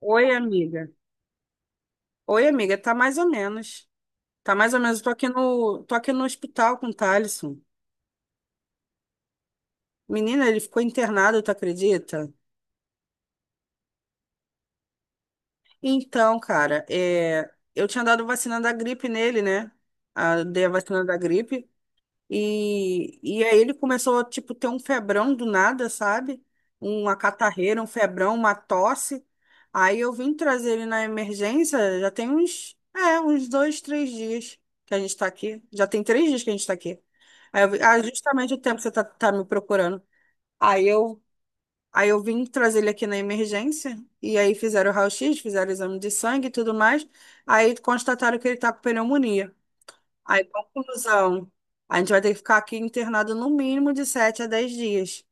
Oi, amiga. Oi, amiga, tá mais ou menos. Tá mais ou menos. Eu tô aqui no hospital com o Thaleson. Menina, ele ficou internado, tu acredita? Então, cara, eu tinha dado vacina da gripe nele, né? A, dei a vacina da gripe. E aí ele começou a, tipo, ter um febrão do nada, sabe? Uma catarreira, um febrão, uma tosse. Aí eu vim trazer ele na emergência, já tem uns, uns dois, três dias que a gente tá aqui. Já tem três dias que a gente tá aqui. Aí eu, ah, justamente o tempo que você tá me procurando. Aí eu, aí eu vim trazer ele aqui na emergência, e aí fizeram o raio-x, fizeram o exame de sangue e tudo mais. Aí constataram que ele tá com pneumonia. Aí, conclusão. A gente vai ter que ficar aqui internado no mínimo de 7 a 10 dias.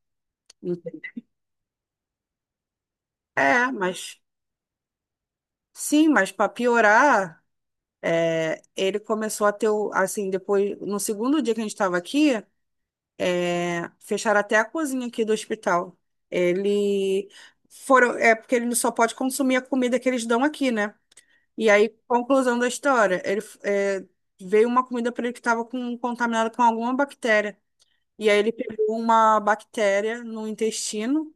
É, mas sim, mas para piorar, ele começou a assim, depois, no segundo dia que a gente estava aqui, fecharam até a cozinha aqui do hospital. Ele Foram, é porque ele só pode consumir a comida que eles dão aqui, né? E aí, conclusão da história, veio uma comida para ele que estava contaminada com alguma bactéria. E aí ele pegou uma bactéria no intestino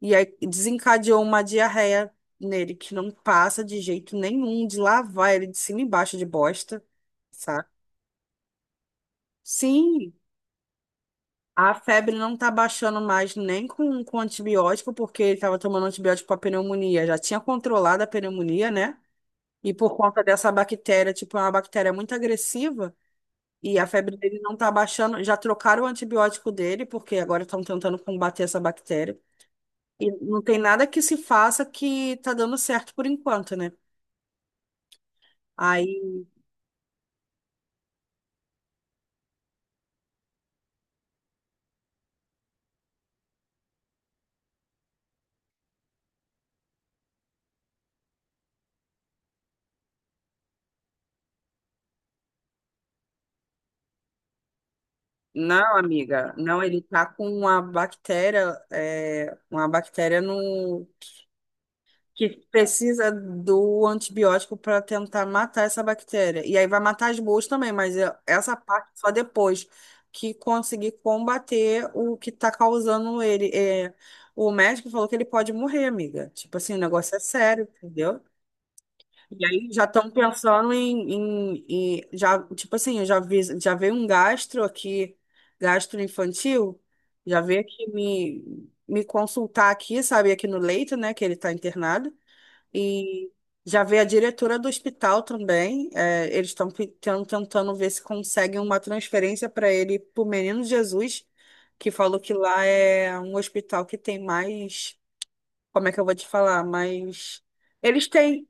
e aí desencadeou uma diarreia nele que não passa de jeito nenhum de lavar ele de cima e embaixo de bosta, sabe? Sim, a febre não tá baixando mais nem com antibiótico, porque ele tava tomando antibiótico para pneumonia, já tinha controlado a pneumonia, né? E por conta dessa bactéria, tipo, é uma bactéria muito agressiva, e a febre dele não tá baixando, já trocaram o antibiótico dele, porque agora estão tentando combater essa bactéria. E não tem nada que se faça que tá dando certo por enquanto, né? Aí, não, amiga, não, ele tá com uma bactéria, uma bactéria no que precisa do antibiótico para tentar matar essa bactéria. E aí vai matar as boas também, mas essa parte só depois que conseguir combater o que tá causando ele. É, o médico falou que ele pode morrer, amiga. Tipo assim, o negócio é sério, entendeu? E aí já estão pensando já, tipo assim, eu já vi, já veio um gastro aqui, gastro infantil, já veio aqui me consultar aqui, sabe, aqui no leito, né, que ele está internado, e já veio a diretora do hospital também, é, eles estão tentando ver se conseguem uma transferência para ele, para o Menino Jesus, que falou que lá é um hospital que tem mais, como é que eu vou te falar, mais... Eles têm.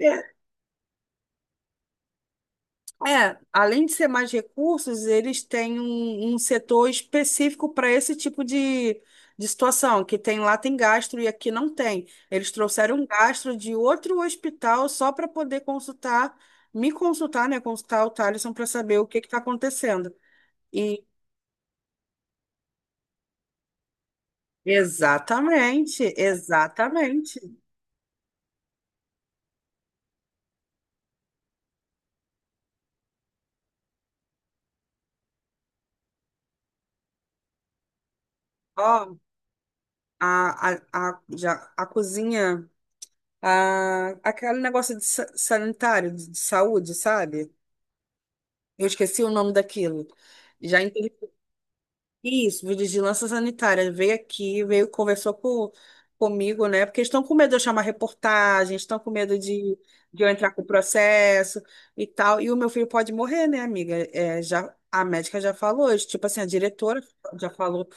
É, É, além de ser mais recursos, eles têm um setor específico para esse tipo de situação, que tem lá tem gastro e aqui não tem. Eles trouxeram um gastro de outro hospital só para poder consultar, me consultar, né? Consultar o Thaleson para saber o que está acontecendo. E exatamente, exatamente. Ó, a, a, a cozinha, aquele negócio de sanitário, de saúde, sabe? Eu esqueci o nome daquilo. Já entendi. Isso, vigilância sanitária. Veio aqui, veio, comigo, né? Porque estão com medo de eu chamar reportagem, estão com medo de eu entrar com o processo e tal. E o meu filho pode morrer, né, amiga? É, já, a médica já falou, tipo assim, a diretora já falou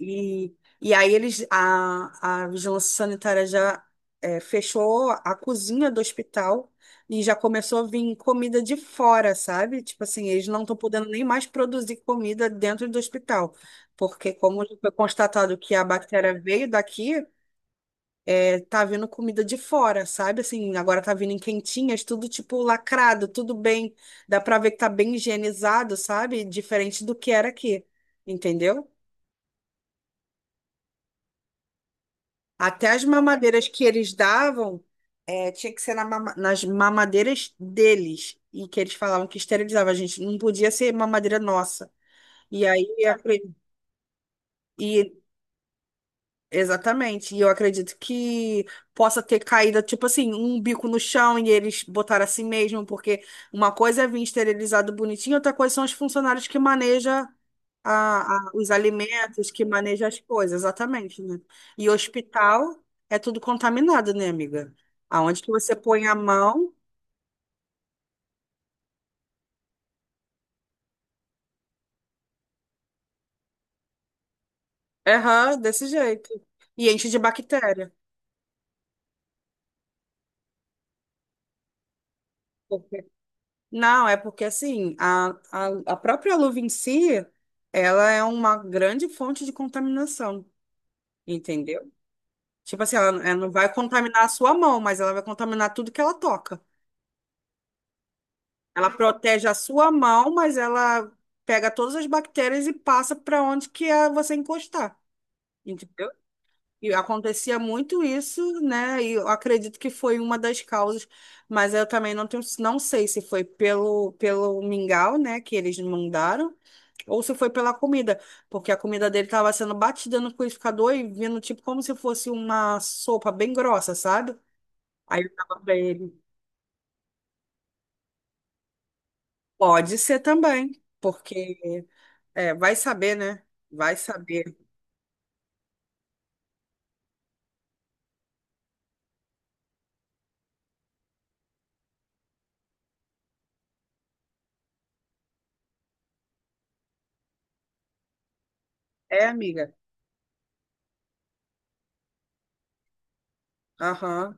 e, e aí eles, a vigilância sanitária já fechou a cozinha do hospital e já começou a vir comida de fora, sabe? Tipo assim, eles não estão podendo nem mais produzir comida dentro do hospital, porque como já foi constatado que a bactéria veio daqui, é, tá vindo comida de fora, sabe? Assim, agora tá vindo em quentinhas, tudo tipo lacrado, tudo bem, dá pra ver que tá bem higienizado, sabe? Diferente do que era aqui, entendeu? Até as mamadeiras que eles davam, eh, tinha que ser nas mamadeiras deles. E que eles falavam que esterilizava a gente. Não podia ser mamadeira nossa. E aí, a- e Exatamente. E eu acredito que possa ter caído, tipo assim, um bico no chão e eles botaram assim mesmo, porque uma coisa é vir esterilizado bonitinho, outra coisa são os funcionários que manejam a, os alimentos, que manejam as coisas, exatamente, né? E hospital é tudo contaminado, né, amiga? Aonde que você põe a mão, erra desse jeito. E enche de bactéria. Não, é porque assim, a própria luva em si, ela é uma grande fonte de contaminação, entendeu? Tipo assim, ela não vai contaminar a sua mão, mas ela vai contaminar tudo que ela toca. Ela protege a sua mão, mas ela pega todas as bactérias e passa para onde que é você encostar, entendeu? E acontecia muito isso, né? E eu acredito que foi uma das causas, mas eu também não tenho, não sei se foi pelo mingau, né, que eles mandaram. Ou se foi pela comida, porque a comida dele tava sendo batida no liquidificador e vindo tipo como se fosse uma sopa bem grossa, sabe? Aí eu tava pra ele, pode ser também, porque é, vai saber, né? Vai saber. É, amiga. Aham.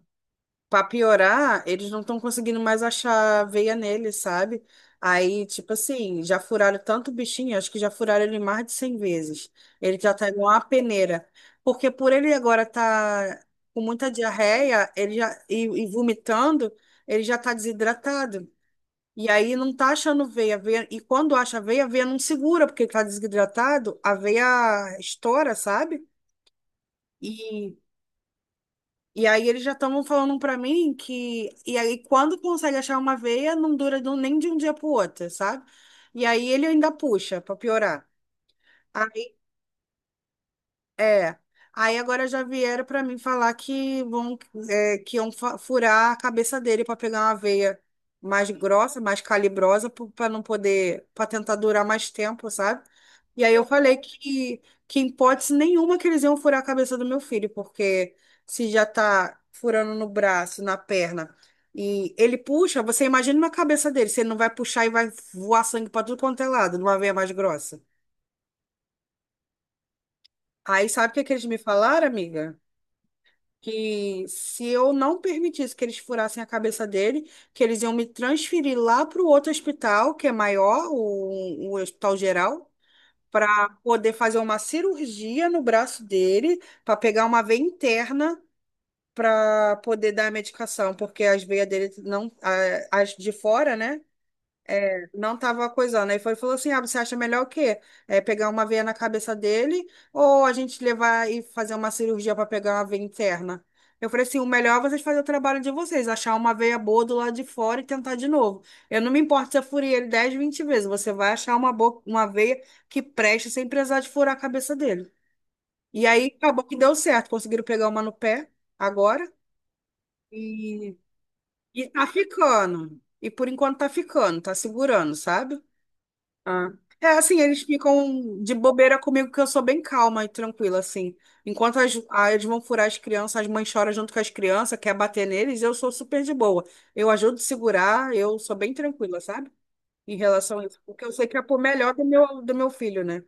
Pra piorar, eles não estão conseguindo mais achar veia nele, sabe? Aí, tipo assim, já furaram tanto o bichinho, acho que já furaram ele mais de 100 vezes. Ele já tá igual uma peneira. Porque por ele agora tá com muita diarreia, ele já vomitando, ele já tá desidratado. E aí não tá achando veia. E quando acha a veia não segura, porque ele tá desidratado, a veia estoura, sabe? E e aí eles já estavam falando pra mim que. E aí, quando consegue achar uma veia, não dura nem de um dia pro outro, sabe? E aí ele ainda puxa pra piorar. É. Aí agora já vieram para mim falar que vão, que iam furar a cabeça dele para pegar uma veia mais grossa, mais calibrosa, para não poder, para tentar durar mais tempo, sabe? E aí eu falei que em hipótese nenhuma que eles iam furar a cabeça do meu filho, porque se já tá furando no braço, na perna, e ele puxa, você imagina na cabeça dele, se ele não vai puxar e vai voar sangue para tudo quanto é lado, numa veia mais grossa. Aí sabe o que que eles me falaram, amiga? Que se eu não permitisse que eles furassem a cabeça dele, que eles iam me transferir lá para o outro hospital, que é maior, o Hospital Geral, para poder fazer uma cirurgia no braço dele, para pegar uma veia interna para poder dar a medicação, porque as veias dele não, as de fora, né? Não tava coisando. Aí foi, falou assim: ah, você acha melhor o quê? É pegar uma veia na cabeça dele ou a gente levar e fazer uma cirurgia para pegar uma veia interna? Eu falei assim: o melhor é vocês fazerem o trabalho de vocês, achar uma veia boa do lado de fora e tentar de novo. Eu não me importo se eu furei ele 10, 20 vezes, você vai achar uma, boa, uma veia que preste sem precisar de furar a cabeça dele. E aí acabou que deu certo, conseguiram pegar uma no pé agora e, e tá ficando. E por enquanto tá ficando, tá segurando, sabe? Ah. É assim, eles ficam de bobeira comigo, que eu sou bem calma e tranquila, assim. Enquanto as, ah, eles vão furar as crianças, as mães choram junto com as crianças, quer bater neles, eu sou super de boa. Eu ajudo a segurar, eu sou bem tranquila, sabe? Em relação a isso. Porque eu sei que é por melhor do meu filho, né?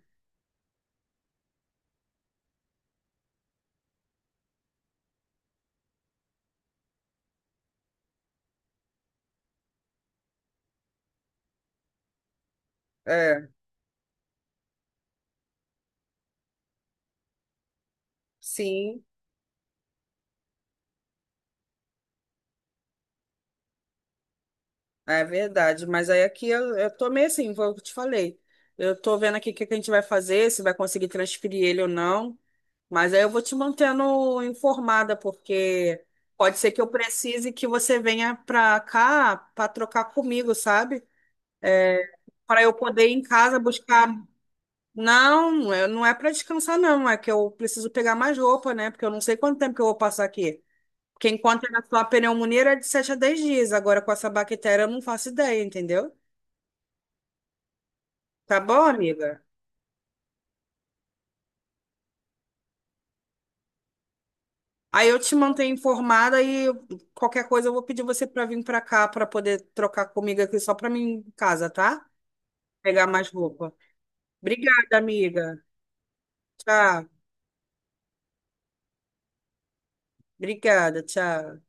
É, sim. É verdade, mas aí aqui eu tô meio assim, vou, te falei. Eu tô vendo aqui o que que a gente vai fazer, se vai conseguir transferir ele ou não. Mas aí eu vou te mantendo informada, porque pode ser que eu precise que você venha pra cá pra trocar comigo, sabe? Para eu poder ir em casa buscar. Não, não é para descansar, não. É que eu preciso pegar mais roupa, né? Porque eu não sei quanto tempo que eu vou passar aqui. Porque enquanto era só a pneumonia era de 7 a 10 dias. Agora com essa bactéria eu não faço ideia, entendeu? Tá bom, amiga? Aí eu te mantenho informada e qualquer coisa eu vou pedir você para vir para cá para poder trocar comigo aqui só para mim em casa, tá? Pegar mais roupa. Obrigada, amiga. Tchau. Obrigada, tchau.